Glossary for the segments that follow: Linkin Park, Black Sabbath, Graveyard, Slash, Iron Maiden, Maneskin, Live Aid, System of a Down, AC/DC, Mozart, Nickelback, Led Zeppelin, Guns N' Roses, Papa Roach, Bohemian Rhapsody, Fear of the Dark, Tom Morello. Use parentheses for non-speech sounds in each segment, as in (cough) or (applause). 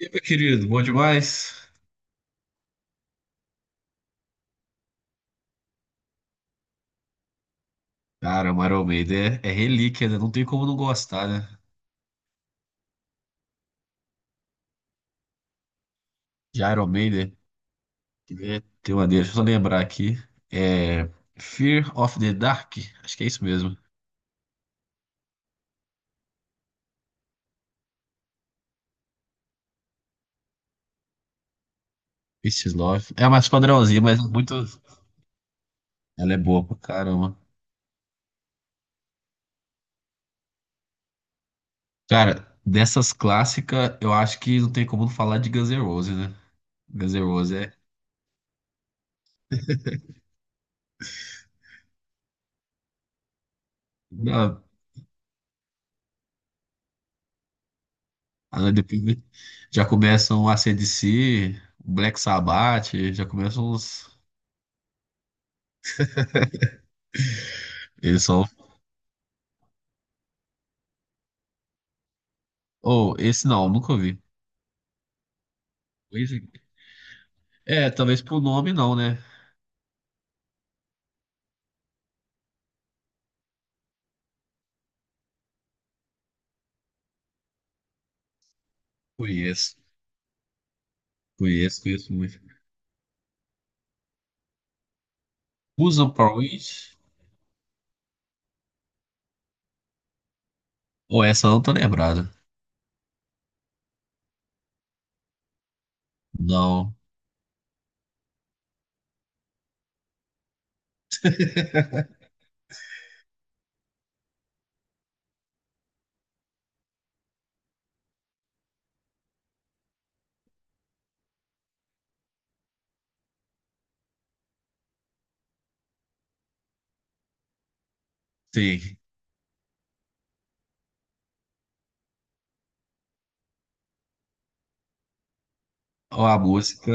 E aí, meu querido, bom demais? Cara, o Iron Maiden é relíquia, né? Não tem como não gostar, né? De Iron Maiden, que né? Tem uma deixa eu só lembrar aqui. É Fear of the Dark, acho que é isso mesmo. This is Love. É a mais padrãozinha, mas é muito. Ela é boa pra caramba. Cara, dessas clássicas, eu acho que não tem como não falar de Guns N' Roses, né? Guns N' Roses é. Ah, ah, depois já começam o AC/DC, Black Sabbath, já começam os. Eles são Ou esse não, nunca ouvi. Esse- É, talvez por nome não, né? Conheço, conheço, conheço muito. Busan Point? Ou essa eu não tô lembrado. Não, (laughs) sim. Ou a música.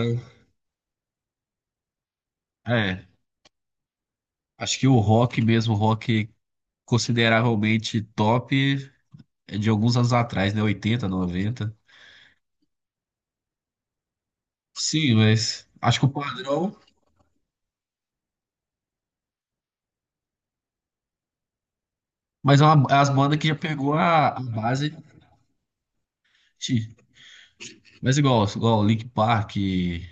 É, acho que o rock mesmo, rock consideravelmente top é de alguns anos atrás, né? 80, 90. Sim, mas acho que o padrão. Mas é é as bandas que já pegou a base. Mas igual Linkin Park,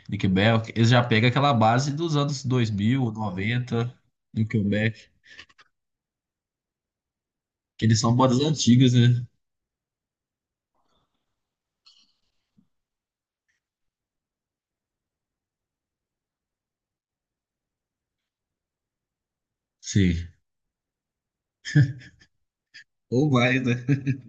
Nickelback, eles já pegam aquela base dos anos 2000, 90. Nickelback, que eles são bandas antigas, né? Sim. Ou mais, né? (laughs)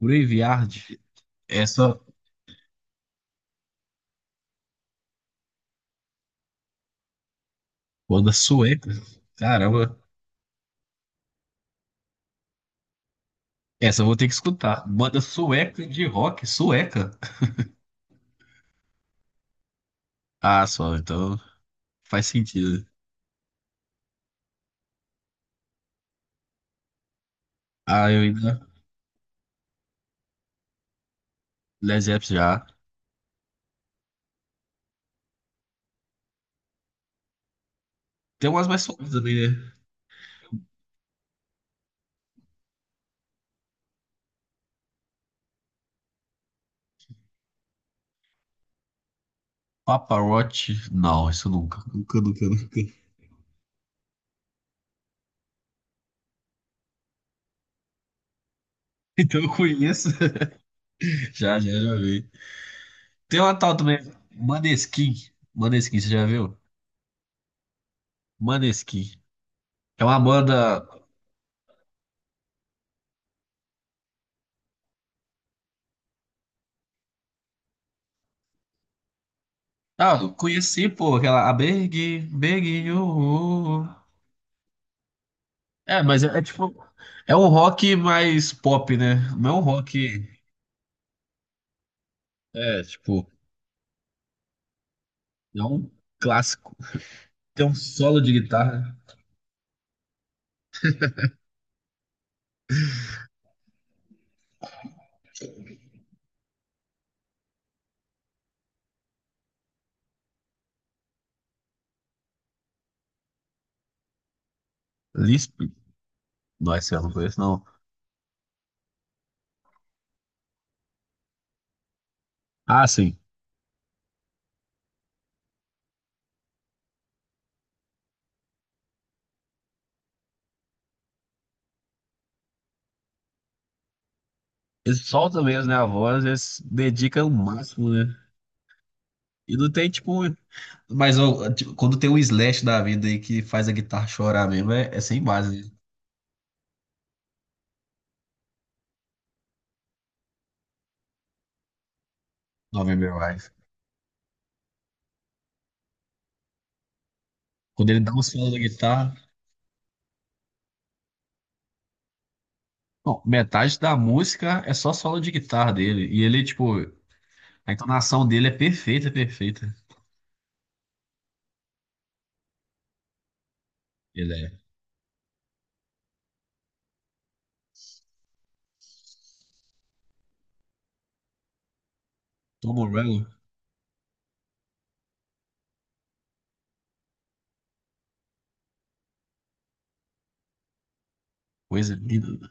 Graveyard, essa banda sueca, caramba, essa eu vou ter que escutar. Banda sueca de rock, sueca. Ah, só, então faz sentido. Ah, eu ainda, Led Zeppelin já. Tem umas mais suaves também, né? Papa Roach, não, isso nunca, nunca, nunca, nunca. (laughs) Então eu conheço, (laughs) já, já, já vi. Tem uma tal também, Maneskin. Maneskin, você já viu? Maneskin. É uma banda. Ah, eu conheci, pô, aquela. A Big, Big. É, mas é tipo. É um rock mais pop, né? Não é um rock. É, tipo. É um clássico. Tem um solo de guitarra. Lisp? Nossa, eu não conheço, não. Ah, sim. Eles soltam mesmo, né? A voz, eles dedicam o máximo, né? E não tem, tipo, Mas ó, tipo, quando tem um Slash da vida aí que faz a guitarra chorar mesmo, é sem base, né? November Rise. Quando ele dá um solo da guitarra. Bom, metade da música é só solo de guitarra dele. E ele, tipo, a entonação dele é perfeita, perfeita. Ele é Tom Morello, coisa linda.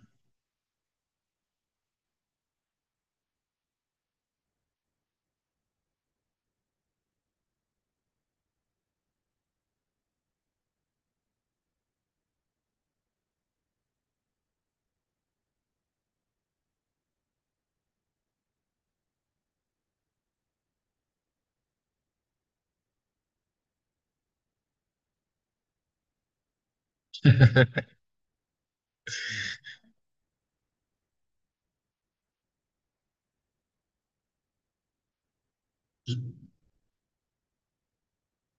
(laughs)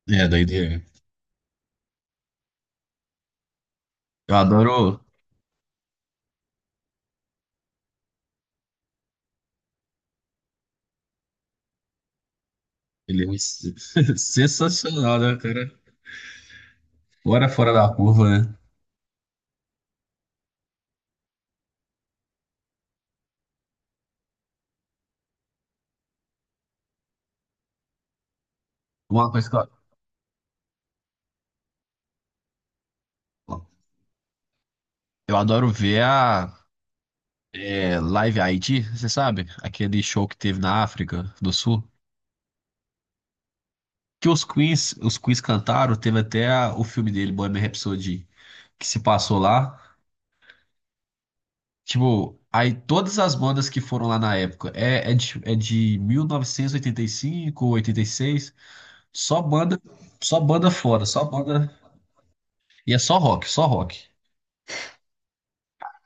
É, doideira. Eu adoro. Ele é um (laughs) sensacional, né, cara? Agora fora da curva, né? Uma coisa que eu, eu adoro ver a Live Aid, você sabe? Aquele show que teve na África do Sul. Que os Queens cantaram, teve até o filme dele, Bohemian Rhapsody, que se passou lá. Tipo, aí todas as bandas que foram lá na época, é de 1985, 86, só banda, só banda fora, só banda. E é só rock, só rock.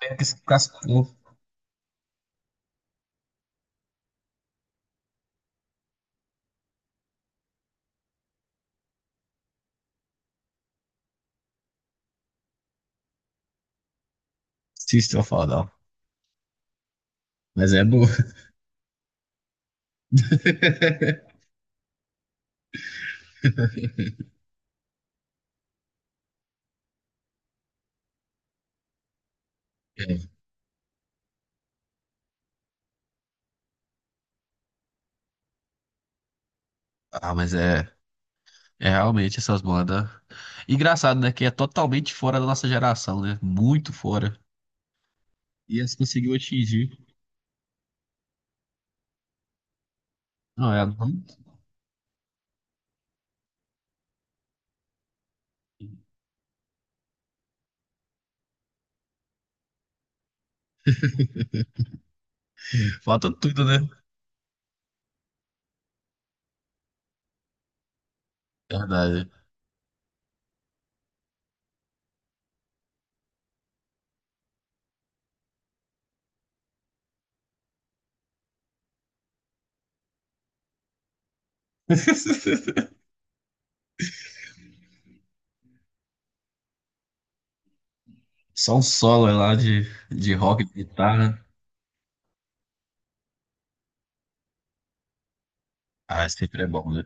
É que se ficasse- System of a Down. Mas é boa. (laughs) É. Ah, mas é. É, realmente, essas bandas. Engraçado, né? Que é totalmente fora da nossa geração, né? Muito fora. E essa conseguiu atingir. Não, é. Não- (laughs) Falta tudo, né? Verdade. (laughs) Só um solo lá de rock, de guitarra. Ah, sempre é bom, né?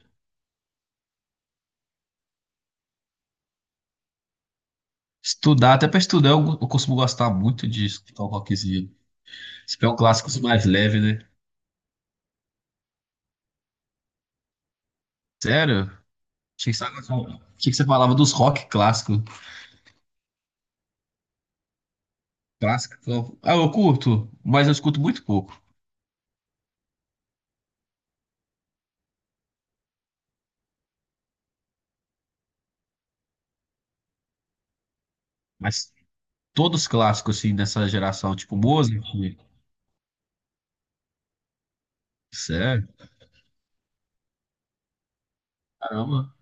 Estudar, até pra estudar, eu costumo gostar muito de escutar um rockzinho. Se pegar um clássico mais leve, né? Sério? Achei que você falava dos rock clássicos. Clássico. Ah, eu curto, mas eu escuto muito pouco. Mas todos clássicos, assim, dessa geração. Tipo, Mozart. Sério? Caramba.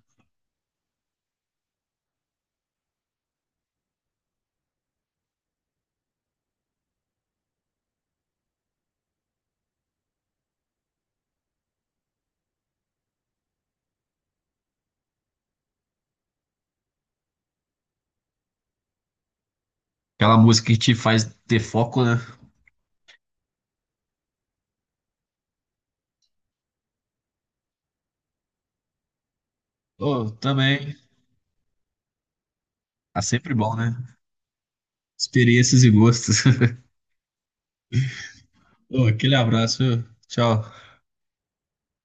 Aquela música que te faz ter foco, né? Oh, também. Tá sempre bom, né? Experiências e gostos. (laughs) Ô, aquele abraço, viu? Tchau.